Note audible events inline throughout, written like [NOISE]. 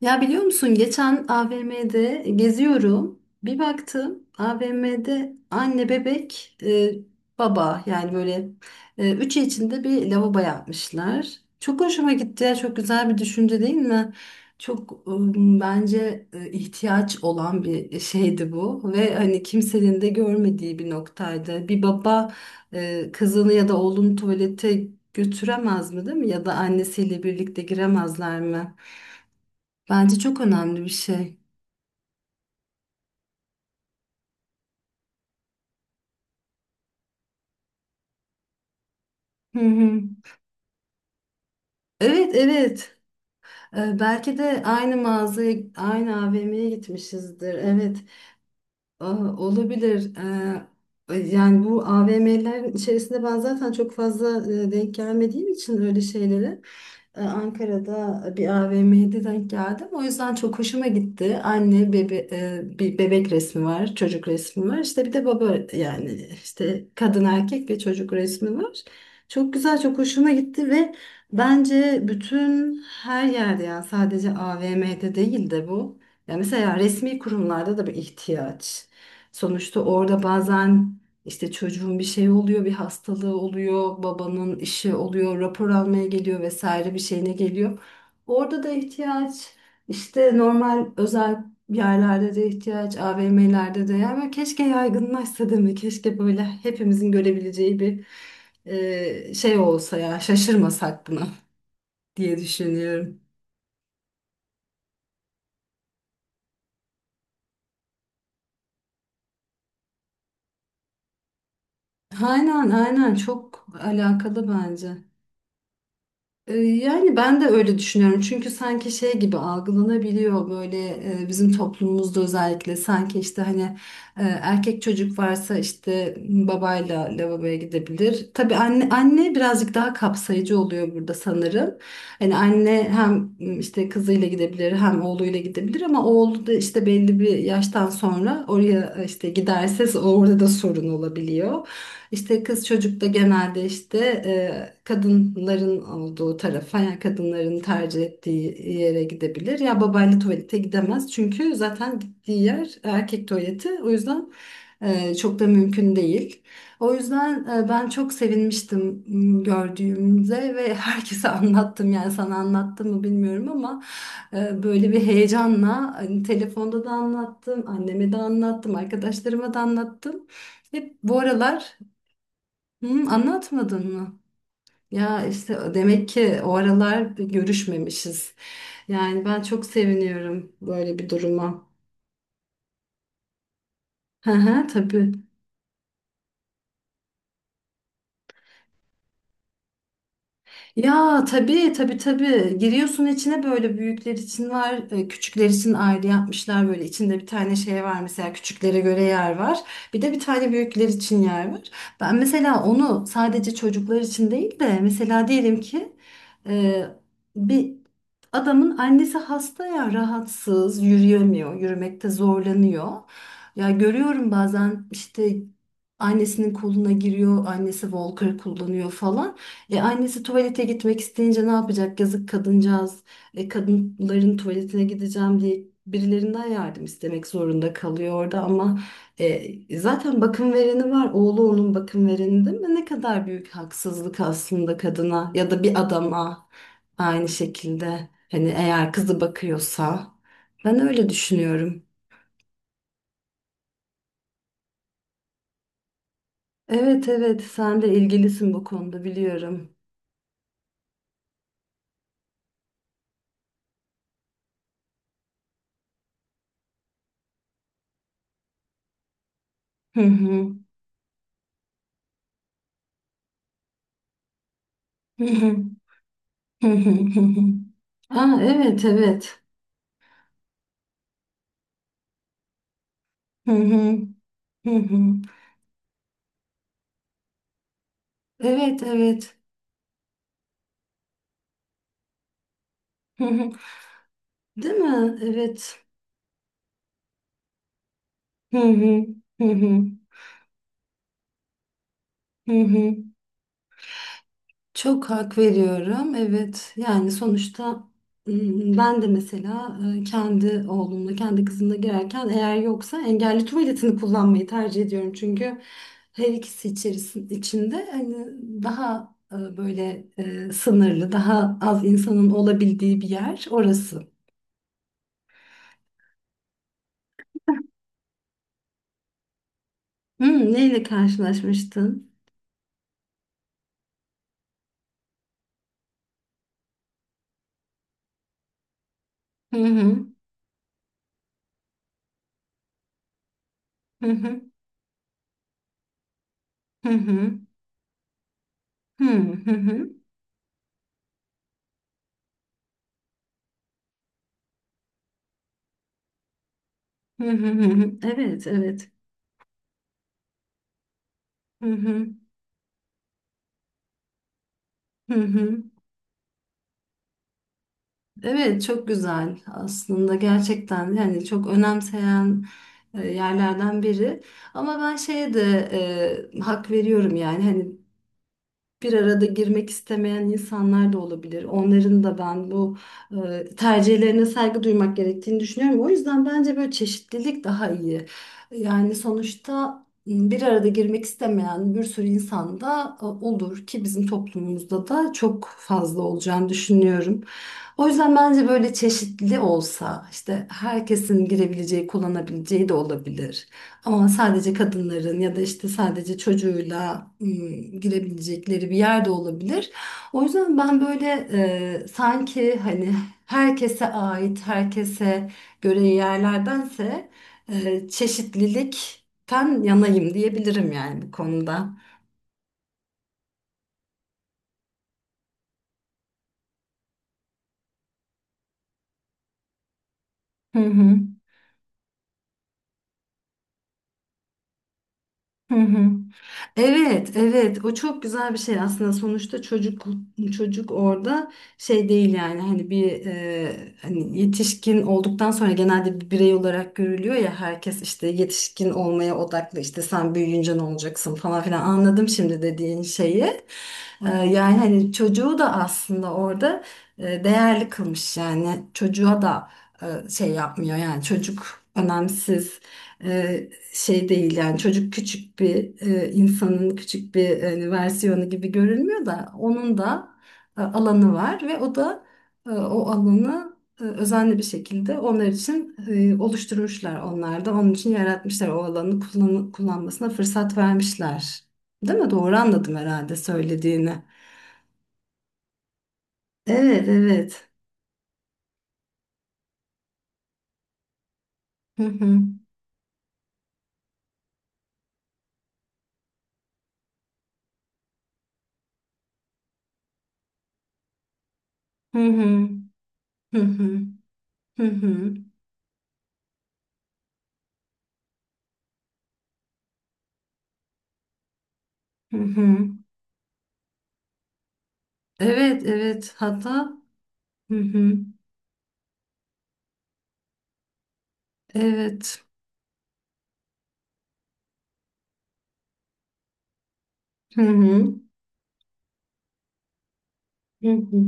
Ya biliyor musun geçen AVM'de geziyorum. Bir baktım AVM'de anne bebek baba yani böyle üçü içinde bir lavabo yapmışlar. Çok hoşuma gitti ya, çok güzel bir düşünce değil mi? Çok, bence, ihtiyaç olan bir şeydi bu ve hani kimsenin de görmediği bir noktaydı. Bir baba kızını ya da oğlunu tuvalete götüremez mi, değil mi? Ya da annesiyle birlikte giremezler mi? Bence çok önemli bir şey. Hı hı. Evet, evet. Belki de aynı mağazaya, aynı AVM'ye gitmişizdir. Evet. Aa, olabilir. Yani bu AVM'lerin içerisinde ben zaten çok fazla denk gelmediğim için öyle şeylere, Ankara'da bir AVM'de denk geldim. O yüzden çok hoşuma gitti. Bir bebek resmi var, çocuk resmi var. İşte bir de baba, yani işte kadın, erkek ve çocuk resmi var. Çok güzel, çok hoşuma gitti ve bence bütün her yerde, yani sadece AVM'de değil de bu. Ya mesela resmi kurumlarda da bir ihtiyaç. Sonuçta orada bazen işte çocuğun bir şey oluyor, bir hastalığı oluyor, babanın işi oluyor, rapor almaya geliyor, vesaire bir şeyine geliyor. Orada da ihtiyaç, işte normal özel yerlerde de ihtiyaç, AVM'lerde de, yani keşke yaygınlaşsa değil mi? Keşke böyle hepimizin görebileceği bir şey olsa ya, şaşırmasak buna diye düşünüyorum. Aynen aynen, çok alakalı bence. Yani ben de öyle düşünüyorum. Çünkü sanki şey gibi algılanabiliyor, böyle bizim toplumumuzda özellikle, sanki işte hani erkek çocuk varsa işte babayla lavaboya gidebilir. Tabii anne anne birazcık daha kapsayıcı oluyor burada sanırım. Hani anne hem işte kızıyla gidebilir, hem oğluyla gidebilir ama oğlu da işte belli bir yaştan sonra oraya işte giderse, orada da sorun olabiliyor. İşte kız çocuk da genelde işte kadınların olduğu tarafa, yani kadınların tercih ettiği yere gidebilir. Ya babayla tuvalete gidemez çünkü zaten gittiği yer erkek tuvaleti. O yüzden çok da mümkün değil. O yüzden ben çok sevinmiştim, gördüğümde ve herkese [LAUGHS] anlattım. Yani sana anlattım mı bilmiyorum ama böyle bir heyecanla hani telefonda da anlattım, anneme de anlattım, arkadaşlarıma da anlattım. Hep bu aralar. Anlatmadın mı? Ya işte demek ki o aralar bir görüşmemişiz. Yani ben çok seviniyorum böyle bir duruma. Hı hı, tabii. Ya tabii, tabii, tabii, giriyorsun içine. Böyle büyükler için var, küçükler için ayrı yapmışlar, böyle içinde bir tane şey var. Mesela küçüklere göre yer var, bir de bir tane büyükler için yer var. Ben mesela onu sadece çocuklar için değil de, mesela diyelim ki e, bir adamın annesi hasta ya, rahatsız, yürüyemiyor, yürümekte zorlanıyor. Ya görüyorum bazen işte annesinin koluna giriyor, annesi walker kullanıyor falan. E annesi tuvalete gitmek isteyince ne yapacak? Yazık kadıncağız. Kadınların tuvaletine gideceğim diye birilerinden yardım istemek zorunda kalıyor orada, ama zaten bakım vereni var. Oğlu onun bakım vereni değil mi? Ne kadar büyük haksızlık aslında kadına, ya da bir adama aynı şekilde. Hani eğer kızı bakıyorsa, ben öyle düşünüyorum. Evet, evet, sen de ilgilisin bu konuda biliyorum. Hı hı. [LAUGHS] Hı hı hı hı. Aa, evet, evet. Hı hı hı hı. Evet, evet. Hı hı. Değil mi? Evet. Hı hı hı hı hı hı. Çok hak veriyorum. Evet. Yani sonuçta, ben de mesela, kendi oğlumla, kendi kızımla girerken, eğer yoksa, engelli tuvaletini kullanmayı tercih ediyorum. Çünkü her ikisi içerisinde, içinde hani daha böyle, sınırlı, daha az insanın olabildiği bir yer orası. Hı, neyle karşılaşmıştın? Hı hı. Hı hı. Hı hı. Hı hı. Hı. Hı hı hı hı. Evet, evet. Hı hı. Hı hı. Evet, çok güzel aslında, gerçekten yani çok önemseyen yerlerden biri. Ama ben şeye de hak veriyorum. Yani hani bir arada girmek istemeyen insanlar da olabilir. Onların da ben bu tercihlerine saygı duymak gerektiğini düşünüyorum. O yüzden bence böyle çeşitlilik daha iyi. Yani sonuçta, bir arada girmek istemeyen bir sürü insan da olur ki, bizim toplumumuzda da çok fazla olacağını düşünüyorum. O yüzden bence böyle çeşitli olsa, işte herkesin girebileceği, kullanabileceği de olabilir. Ama sadece kadınların ya da işte sadece çocuğuyla girebilecekleri bir yer de olabilir. O yüzden ben böyle sanki hani herkese ait, herkese göre yerlerdense, çeşitlilikten yanayım diyebilirim yani bu konuda. Hı hı. Hı hı. Evet, evet. O çok güzel bir şey aslında. Sonuçta çocuk, orada şey değil. Yani hani bir, hani yetişkin olduktan sonra genelde bir birey olarak görülüyor ya, herkes işte yetişkin olmaya odaklı, işte sen büyüyünce ne olacaksın falan filan. Anladım şimdi dediğin şeyi. Yani hani çocuğu da aslında orada değerli kılmış, yani çocuğa da şey yapmıyor, yani çocuk önemsiz şey değil, yani çocuk küçük bir, insanın küçük bir versiyonu gibi görülmüyor da, onun da alanı var ve o da, o alanı özenli bir şekilde onlar için oluşturmuşlar, onlar da onun için yaratmışlar, o alanı kullanmasına fırsat vermişler. Değil mi? Doğru anladım herhalde söylediğini. Evet, evet. Hı hı. Hı hı. Hı hı. Hı hı. Hı hı. Evet, evet. Hatta hı hı. Evet. Hı hı. Hı hı.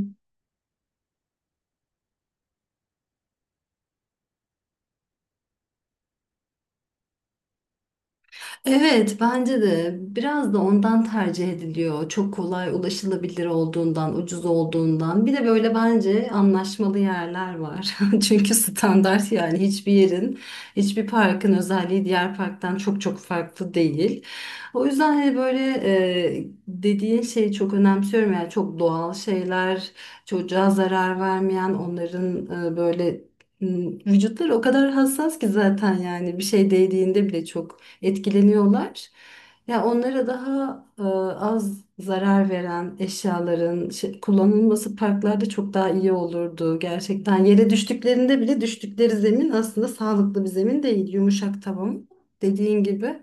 Evet, bence de biraz da ondan tercih ediliyor. Çok kolay ulaşılabilir olduğundan, ucuz olduğundan. Bir de böyle bence anlaşmalı yerler var. [LAUGHS] Çünkü standart, yani hiçbir yerin, hiçbir parkın özelliği diğer parktan çok çok farklı değil. O yüzden hani böyle, dediğin şeyi çok önemsiyorum. Yani çok doğal şeyler, çocuğa zarar vermeyen, onların e, böyle m, Vücutları o kadar hassas ki zaten, yani bir şey değdiğinde bile çok etkileniyorlar. Ya onlara daha az zarar veren eşyaların kullanılması parklarda çok daha iyi olurdu. Gerçekten yere düştüklerinde bile düştükleri zemin aslında sağlıklı bir zemin değil. Yumuşak tavan dediğin gibi.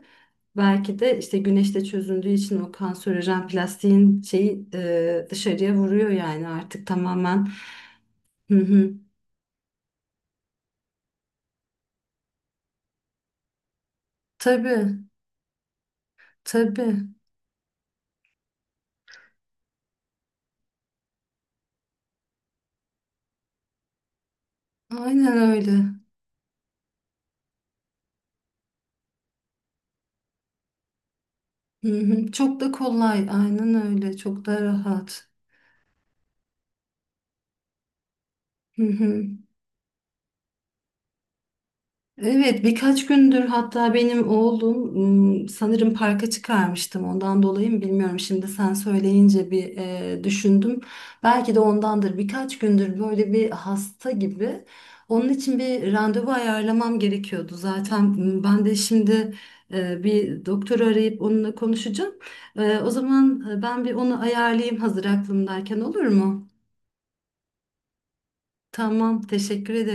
Belki de işte güneşte çözündüğü için o kanserojen plastiğin şeyi, dışarıya vuruyor yani artık tamamen. Hı hı. Tabii, tabii. Aynen öyle. Hı hı. Çok da kolay, aynen öyle, çok da rahat. Hı hı. Evet, birkaç gündür hatta benim oğlum, sanırım parka çıkarmıştım. Ondan dolayı mı bilmiyorum. Şimdi sen söyleyince bir düşündüm. Belki de ondandır. Birkaç gündür böyle bir hasta gibi. Onun için bir randevu ayarlamam gerekiyordu. Zaten, ben de şimdi bir doktoru arayıp onunla konuşacağım. O zaman ben bir onu ayarlayayım, hazır aklımdayken, olur mu? Tamam, teşekkür ederim.